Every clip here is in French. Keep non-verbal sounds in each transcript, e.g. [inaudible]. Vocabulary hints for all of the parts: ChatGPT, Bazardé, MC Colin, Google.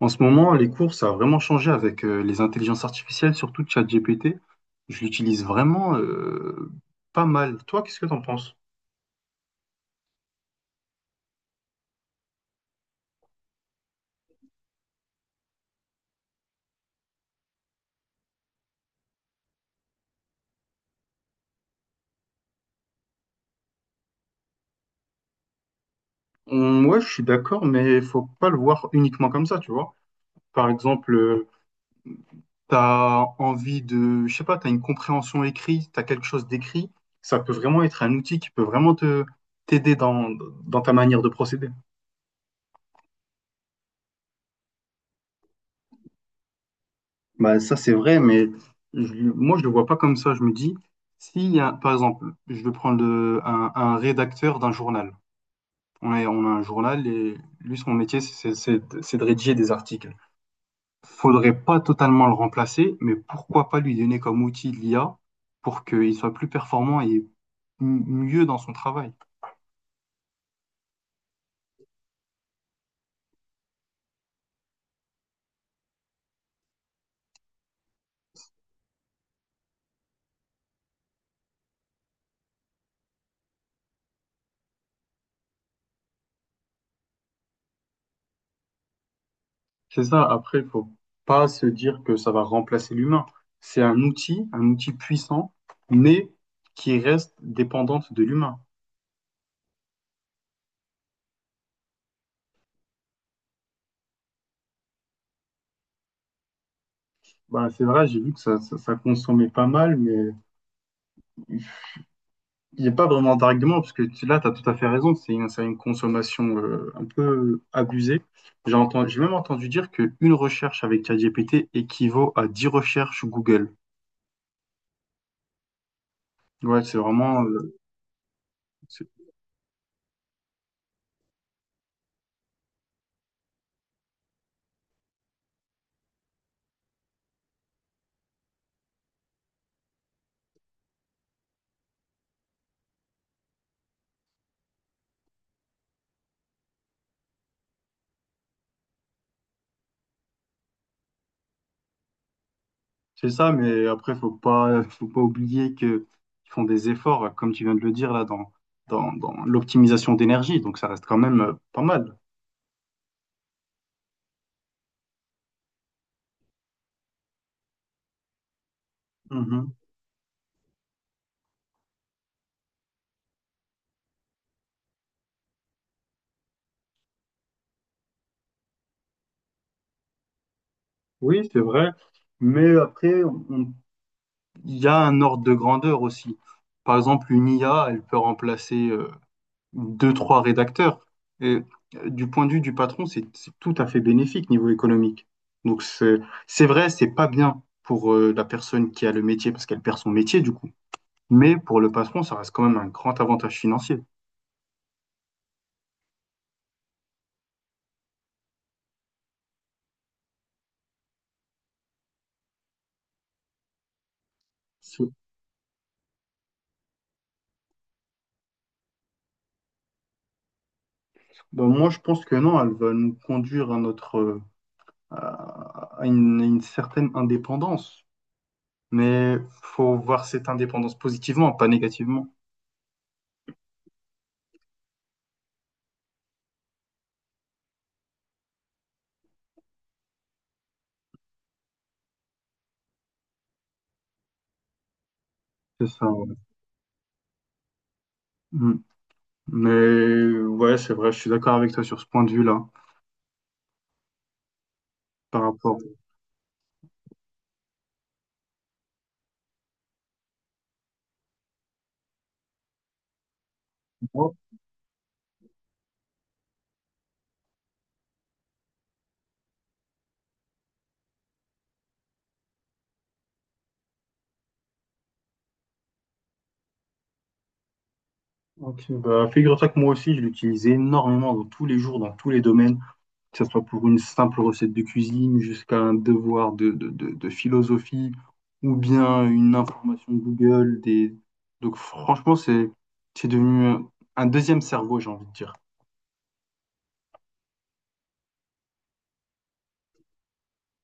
En ce moment, les cours, ça a vraiment changé avec les intelligences artificielles, surtout ChatGPT. Je l'utilise vraiment pas mal. Toi, qu'est-ce que t'en penses? Ouais, je suis d'accord, mais faut pas le voir uniquement comme ça, tu vois. Par exemple, t'as envie de, je sais pas, t'as une compréhension écrite, t'as quelque chose d'écrit. Ça peut vraiment être un outil qui peut vraiment te t'aider dans ta manière de procéder. Bah, ça, c'est vrai, mais moi, je le vois pas comme ça. Je me dis, s'il y a, par exemple, je vais prendre un rédacteur d'un journal. On a un journal et lui, son métier, c'est de rédiger des articles. Faudrait pas totalement le remplacer, mais pourquoi pas lui donner comme outil l'IA pour qu'il soit plus performant et mieux dans son travail. C'est ça. Après, faut pas se dire que ça va remplacer l'humain. C'est un outil puissant, mais qui reste dépendante de l'humain. Bah, c'est vrai, j'ai vu que ça consommait pas mal, mais il n'y a pas vraiment d'argument, parce que là, tu as tout à fait raison, c'est une consommation un peu abusée. J'ai même entendu dire qu'une recherche avec ChatGPT équivaut à 10 recherches Google. Ouais, c'est vraiment, c'est c'est ça, mais après, faut pas oublier que ils font des efforts, comme tu viens de le dire, là, dans l'optimisation d'énergie, donc ça reste quand même pas mal. Mhm. Oui, c'est vrai. Mais après, on il y a un ordre de grandeur aussi. Par exemple, une IA, elle peut remplacer deux, trois rédacteurs. Et du point de vue du patron, c'est tout à fait bénéfique niveau économique. Donc c'est vrai, c'est pas bien pour la personne qui a le métier parce qu'elle perd son métier du coup. Mais pour le patron, ça reste quand même un grand avantage financier. C'est- Ben, moi, je pense que non, elle va nous conduire à notre à à une certaine indépendance. Mais faut voir cette indépendance positivement, pas négativement. C'est ça. Ouais. Mm. Mais ouais, c'est vrai, je suis d'accord avec toi sur ce point de vue-là. Par rapport moi, ok, bah, figure-toi que moi aussi, je l'utilise énormément dans tous les jours, dans tous les domaines, que ce soit pour une simple recette de cuisine, jusqu'à un devoir de philosophie, ou bien une information Google. Des... Donc franchement, c'est devenu un deuxième cerveau, j'ai envie de dire.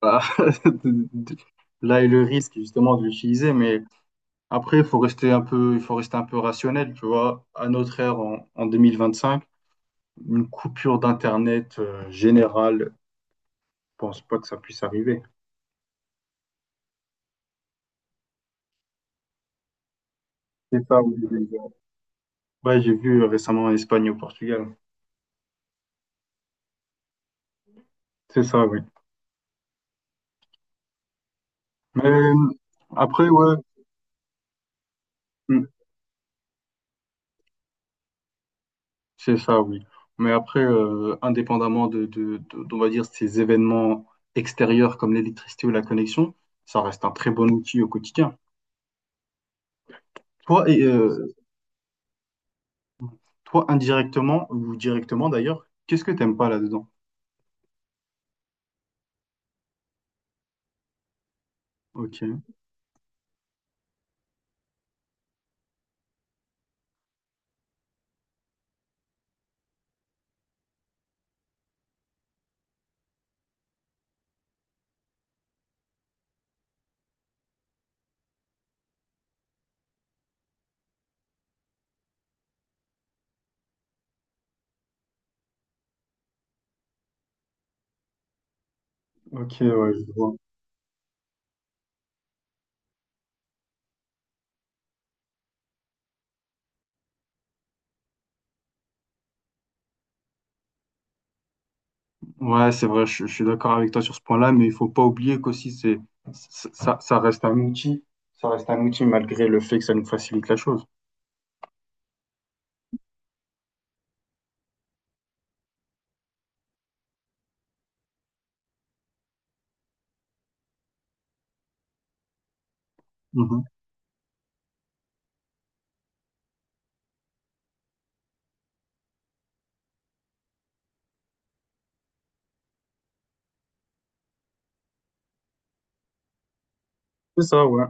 Bah, [laughs] là est le risque justement de l'utiliser, mais après, il faut rester un peu rationnel, tu vois. À notre ère, en 2025, une coupure d'Internet générale, je pense pas que ça puisse arriver. C'est ça, oui. Ouais, j'ai vu récemment en Espagne et au Portugal. C'est ça, oui. Mais après, ouais, mm, c'est ça, oui. Mais après, indépendamment d'on va dire, ces événements extérieurs comme l'électricité ou la connexion, ça reste un très bon outil au quotidien. Toi, et, euh, toi indirectement ou directement d'ailleurs, qu'est-ce que t'aimes pas là-dedans? Ok, ok, ouais, je vois. Ouais, c'est vrai, je suis d'accord avec toi sur ce point-là, mais il faut pas oublier qu'aussi ça ça reste un outil, ça reste un outil malgré le fait que ça nous facilite la chose. Mhm. C'est ça, ouais.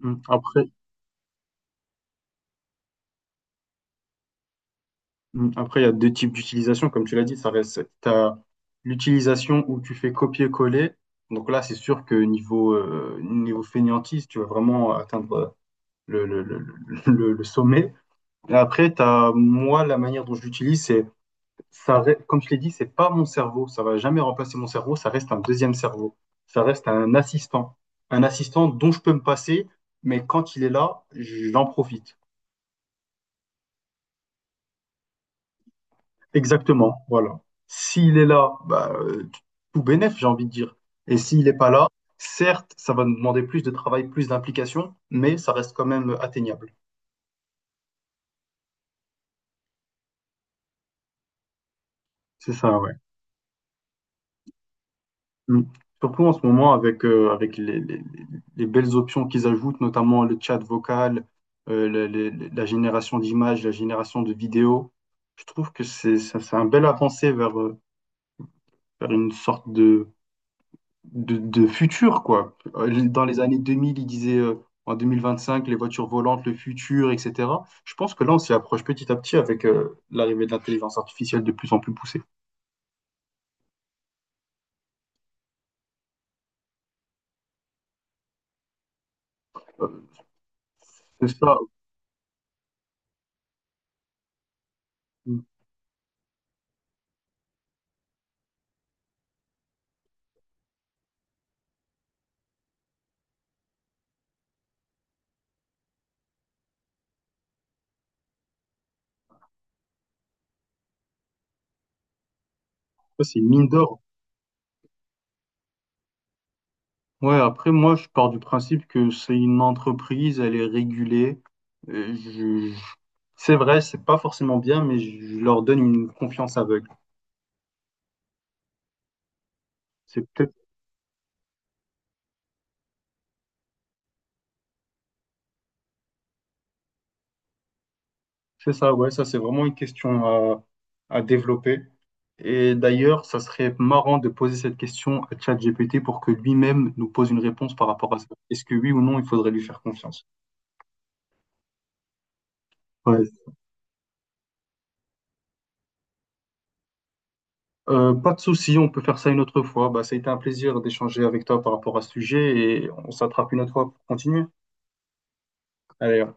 Mm. Après, mm. Après, il y a deux types d'utilisation, comme tu l'as dit, ça reste, t'as l'utilisation où tu fais copier-coller. Donc là, c'est sûr que niveau fainéantise, tu vas vraiment atteindre le, le, le, le, le sommet. Et après, la manière dont je l'utilise, comme je l'ai dit, c'est pas mon cerveau. Ça va jamais remplacer mon cerveau. Ça reste un deuxième cerveau. Ça reste un assistant. Un assistant dont je peux me passer, mais quand il est là, j'en profite. Exactement, voilà. S'il est là, bah, tout bénef, j'ai envie de dire. Et s'il n'est pas là, certes, ça va nous demander plus de travail, plus d'implication, mais ça reste quand même atteignable. C'est ça, ouais. Mm. Surtout en ce moment, avec les belles options qu'ils ajoutent, notamment le chat vocal, la génération d'images, la génération de vidéos, je trouve que c'est un bel avancé vers une sorte de... de futur, quoi. Dans les années 2000, ils disaient en 2025, les voitures volantes, le futur, etc. Je pense que là, on s'y approche petit à petit avec l'arrivée de l'intelligence artificielle de plus en plus poussée. Euh, c'est ça, ça, c'est une mine d'or. Ouais, après, moi, je pars du principe que c'est une entreprise, elle est régulée. Euh, je- je- C'est vrai, c'est pas forcément bien, mais je leur donne une confiance aveugle. C'est peut-être, c'est ça, ouais, ça, c'est vraiment une question à développer. Et d'ailleurs, ça serait marrant de poser cette question à ChatGPT pour que lui-même nous pose une réponse par rapport à ça. Est-ce que oui ou non, il faudrait lui faire confiance? Ouais. Pas de souci, on peut faire ça une autre fois. Bah, ça a été un plaisir d'échanger avec toi par rapport à ce sujet et on s'attrape une autre fois pour continuer. Allez.